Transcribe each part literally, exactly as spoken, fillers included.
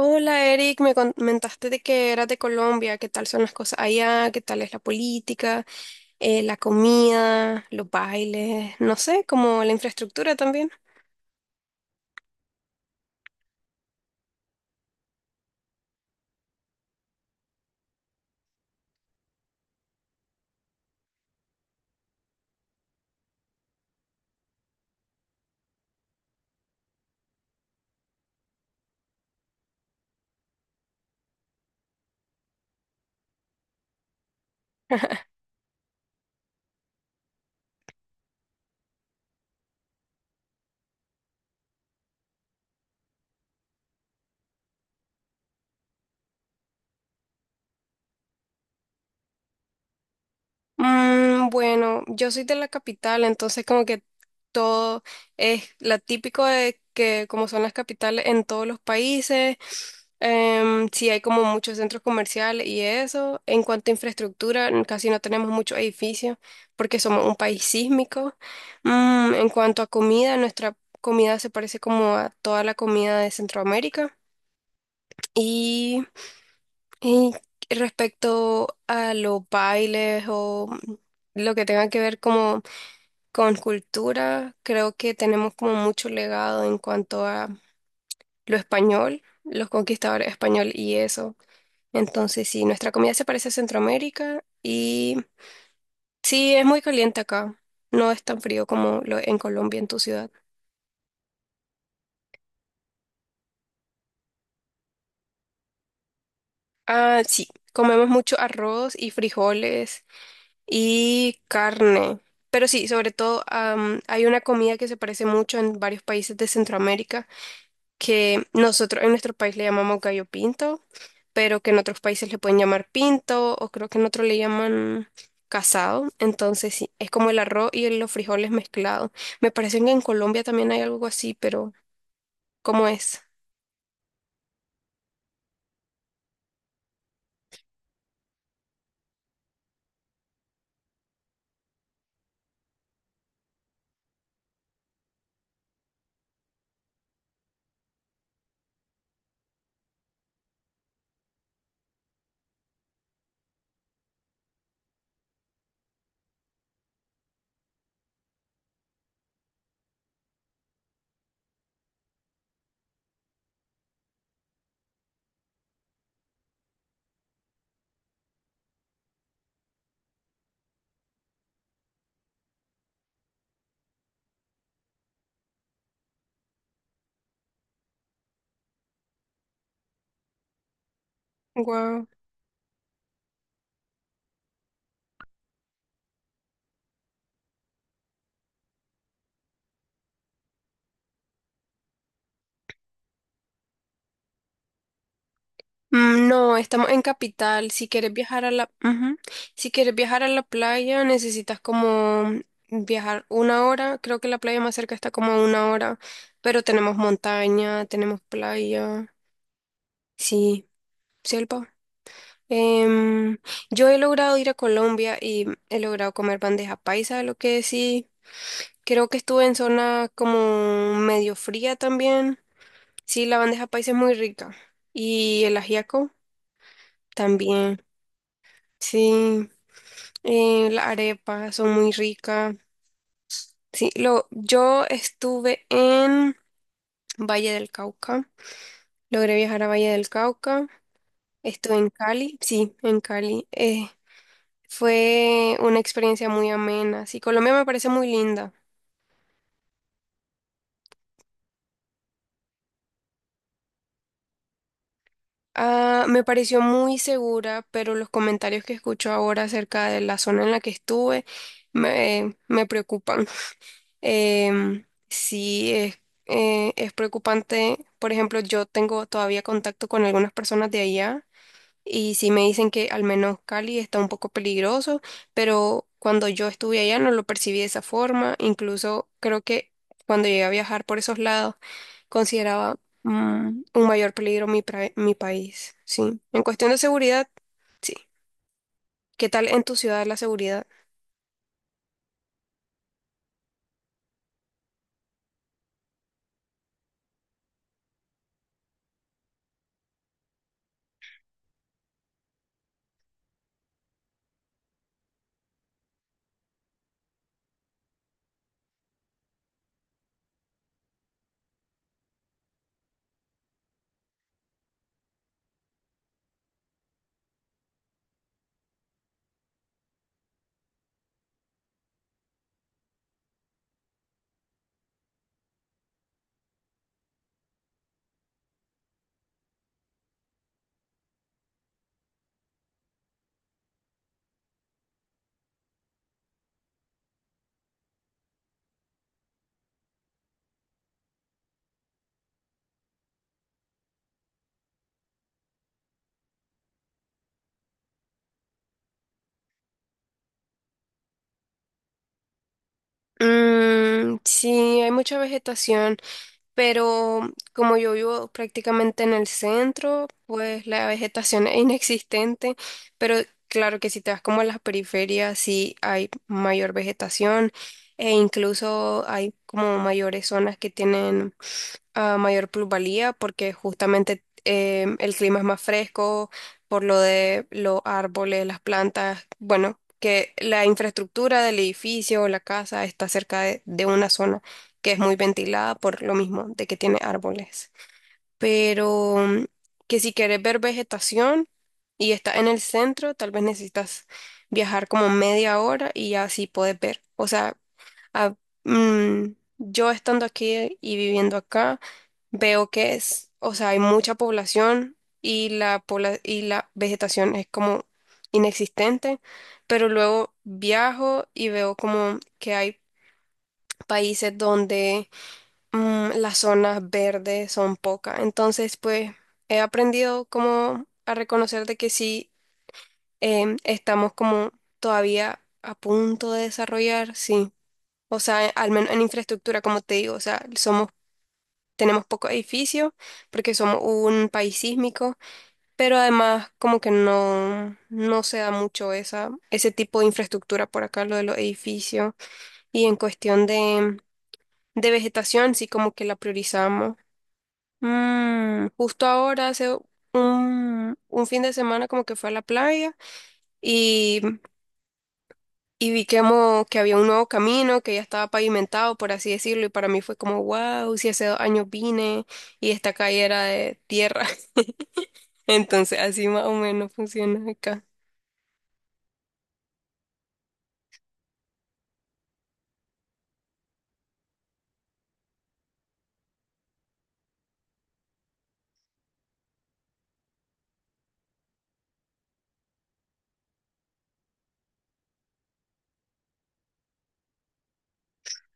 Hola Eric, me comentaste de que eras de Colombia, qué tal son las cosas allá, qué tal es la política, eh, la comida, los bailes, no sé, como la infraestructura también. Mm, bueno, yo soy de la capital, entonces como que todo es la típico de que como son las capitales en todos los países, em, sí hay como muchos centros comerciales y eso. En cuanto a infraestructura, n- casi no tenemos muchos edificios porque somos un país sísmico. Mm, en cuanto a comida, nuestra comida se parece como a toda la comida de Centroamérica. Y respecto a los bailes o mm, lo que tenga que ver como con cultura, creo que tenemos como mucho legado en cuanto a lo español, los conquistadores español y eso. Entonces, sí, nuestra comida se parece a Centroamérica y sí, es muy caliente acá. No es tan frío como lo en Colombia, en tu ciudad. Ah, sí, comemos mucho arroz y frijoles y carne. Pero sí, sobre todo am, hay una comida que se parece mucho en varios países de Centroamérica, que nosotros en nuestro país le llamamos gallo pinto, pero que en otros países le pueden llamar pinto o creo que en otro le llaman casado. Entonces sí, es como el arroz y los frijoles mezclados. Me parece que en Colombia también hay algo así, pero ¿cómo es? Guau. Mm, no, estamos en capital. Si quieres viajar a la, ujú. Si quieres viajar a la playa, necesitas como viajar una hora. Creo que la playa más cerca está como a una hora, pero tenemos montaña, tenemos playa, sí, selva. Em, yo he logrado ir a Colombia y he logrado comer bandeja paisa, lo que sí. Creo que estuve en zona como medio fría también. Sí, la bandeja paisa es muy rica. Y el ajiaco también. Sí. Eh, la arepa, son muy ricas. Sí, lo, yo estuve en Valle del Cauca. Logré viajar a Valle del Cauca. Estuve en Cali. Sí, en Cali. Eh, fue una experiencia muy amena. Sí, Colombia me parece muy linda. Ah, me pareció muy segura, pero los comentarios que escucho ahora acerca de la zona en la que estuve me, me preocupan. Em, sí, es, eh, es preocupante. Por ejemplo, yo tengo todavía contacto con algunas personas de allá y sí me dicen que al menos Cali está un poco peligroso, pero cuando yo estuve allá no lo percibí de esa forma. Incluso creo que cuando llegué a viajar por esos lados consideraba mm, un mayor peligro mi, pra- mi país. Sí, en cuestión de seguridad, sí. ¿Qué tal en tu ciudad la seguridad? Mm, sí, hay mucha vegetación, pero como yo vivo prácticamente en el centro, pues la vegetación es inexistente, pero claro que si te vas como a las periferias, sí hay mayor vegetación e incluso hay como mayores zonas que tienen ah, mayor plusvalía porque justamente em, el clima es más fresco por lo de los árboles, las plantas, bueno, que la infraestructura del edificio o la casa está cerca de de una zona que es muy ventilada por lo mismo de que tiene árboles. Pero mm, que si quieres ver vegetación y está en el centro, tal vez necesitas viajar como media hora y ya así puedes ver. O sea, a- mm, yo estando aquí y viviendo acá, veo que es, o sea, hay mucha población y la, pobla- y la vegetación es como inexistente, pero luego viajo y veo como que hay países donde mm, las zonas verdes son pocas. Entonces, pues he aprendido como a reconocer de que sí em, estamos como todavía a punto de desarrollar, sí. O sea, eh, al menos en infraestructura, como te digo, o sea, somos, tenemos pocos edificios porque somos un país sísmico, pero además como que no, no se da mucho esa, ese tipo de infraestructura por acá, lo de los edificios. Y en cuestión de, de vegetación, sí como que la priorizamos. Mm, justo ahora, hace un, un fin de semana como que fue a la playa y, y vi que, mo- que había un nuevo camino que ya estaba pavimentado, por así decirlo, y para mí fue como, wow, si hace dos años vine y esta calle era de tierra. Entonces así más o menos funciona acá.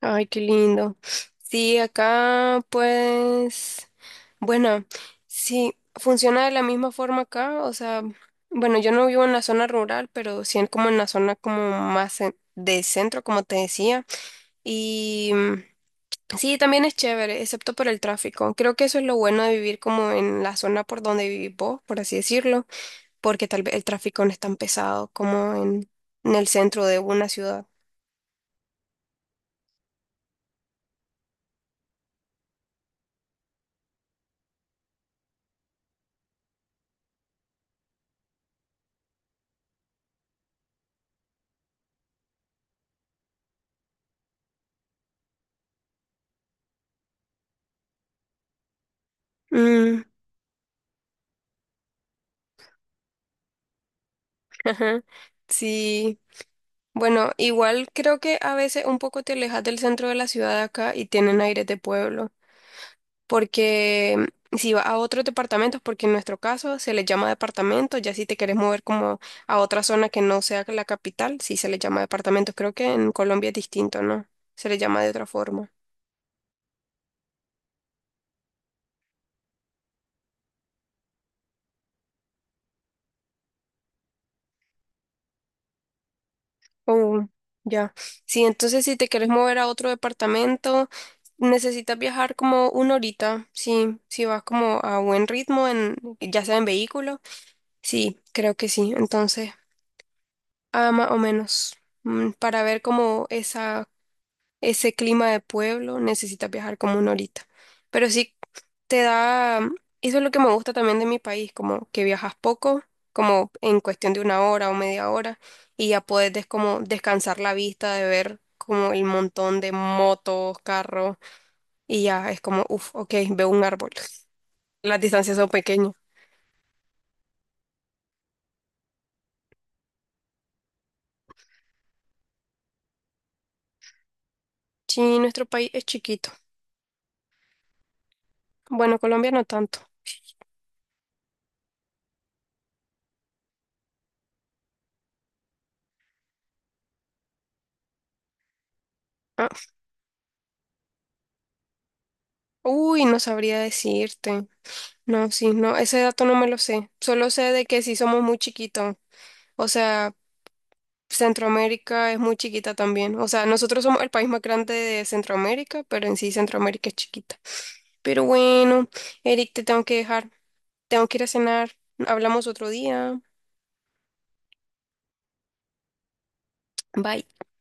Ay, qué lindo. Sí, acá pues, bueno, sí, funciona de la misma forma acá, o sea, bueno, yo no vivo en la zona rural, pero sí en- como en la zona como más en- de centro, como te decía, y mm, sí, también es chévere, excepto por el tráfico. Creo que eso es lo bueno de vivir como en la zona por donde vivís vos, por así decirlo, porque tal vez el tráfico no es tan pesado como en, en el centro de una ciudad. Mm, ajá. Sí. Bueno, igual creo que a veces un poco te alejas del centro de la ciudad de acá y tienen aire de pueblo, porque si vas a otros departamentos, porque en nuestro caso se les llama departamento, ya si te quieres mover como a otra zona que no sea la capital, sí se les llama departamentos. Creo que en Colombia es distinto, ¿no? Se les llama de otra forma. Oh, ya. Sí, entonces si te quieres mover a otro departamento, necesitas viajar como una horita, sí, si vas como a buen ritmo en, ya sea en vehículo. Sí, creo que sí. Entonces, ah, más o menos, mm, para ver como esa, ese clima de pueblo necesitas viajar como una horita. Pero sí, te da, eso es lo que me gusta también de mi país, como que viajas poco, como en cuestión de una hora o media hora, y ya puedes des- como descansar la vista de ver como el montón de motos, carros, y ya es como, uff, ok, veo un árbol. Las distancias son pequeñas. Sí, nuestro país es chiquito. Bueno, Colombia no tanto. Ah, uy, no sabría decirte. No, sí, no, ese dato no me lo sé. Solo sé de que sí somos muy chiquitos. O sea, Centroamérica es muy chiquita también. O sea, nosotros somos el país más grande de Centroamérica, pero en sí Centroamérica es chiquita. Pero bueno, Eric, te tengo que dejar. Tengo que ir a cenar. Hablamos otro día. Bye.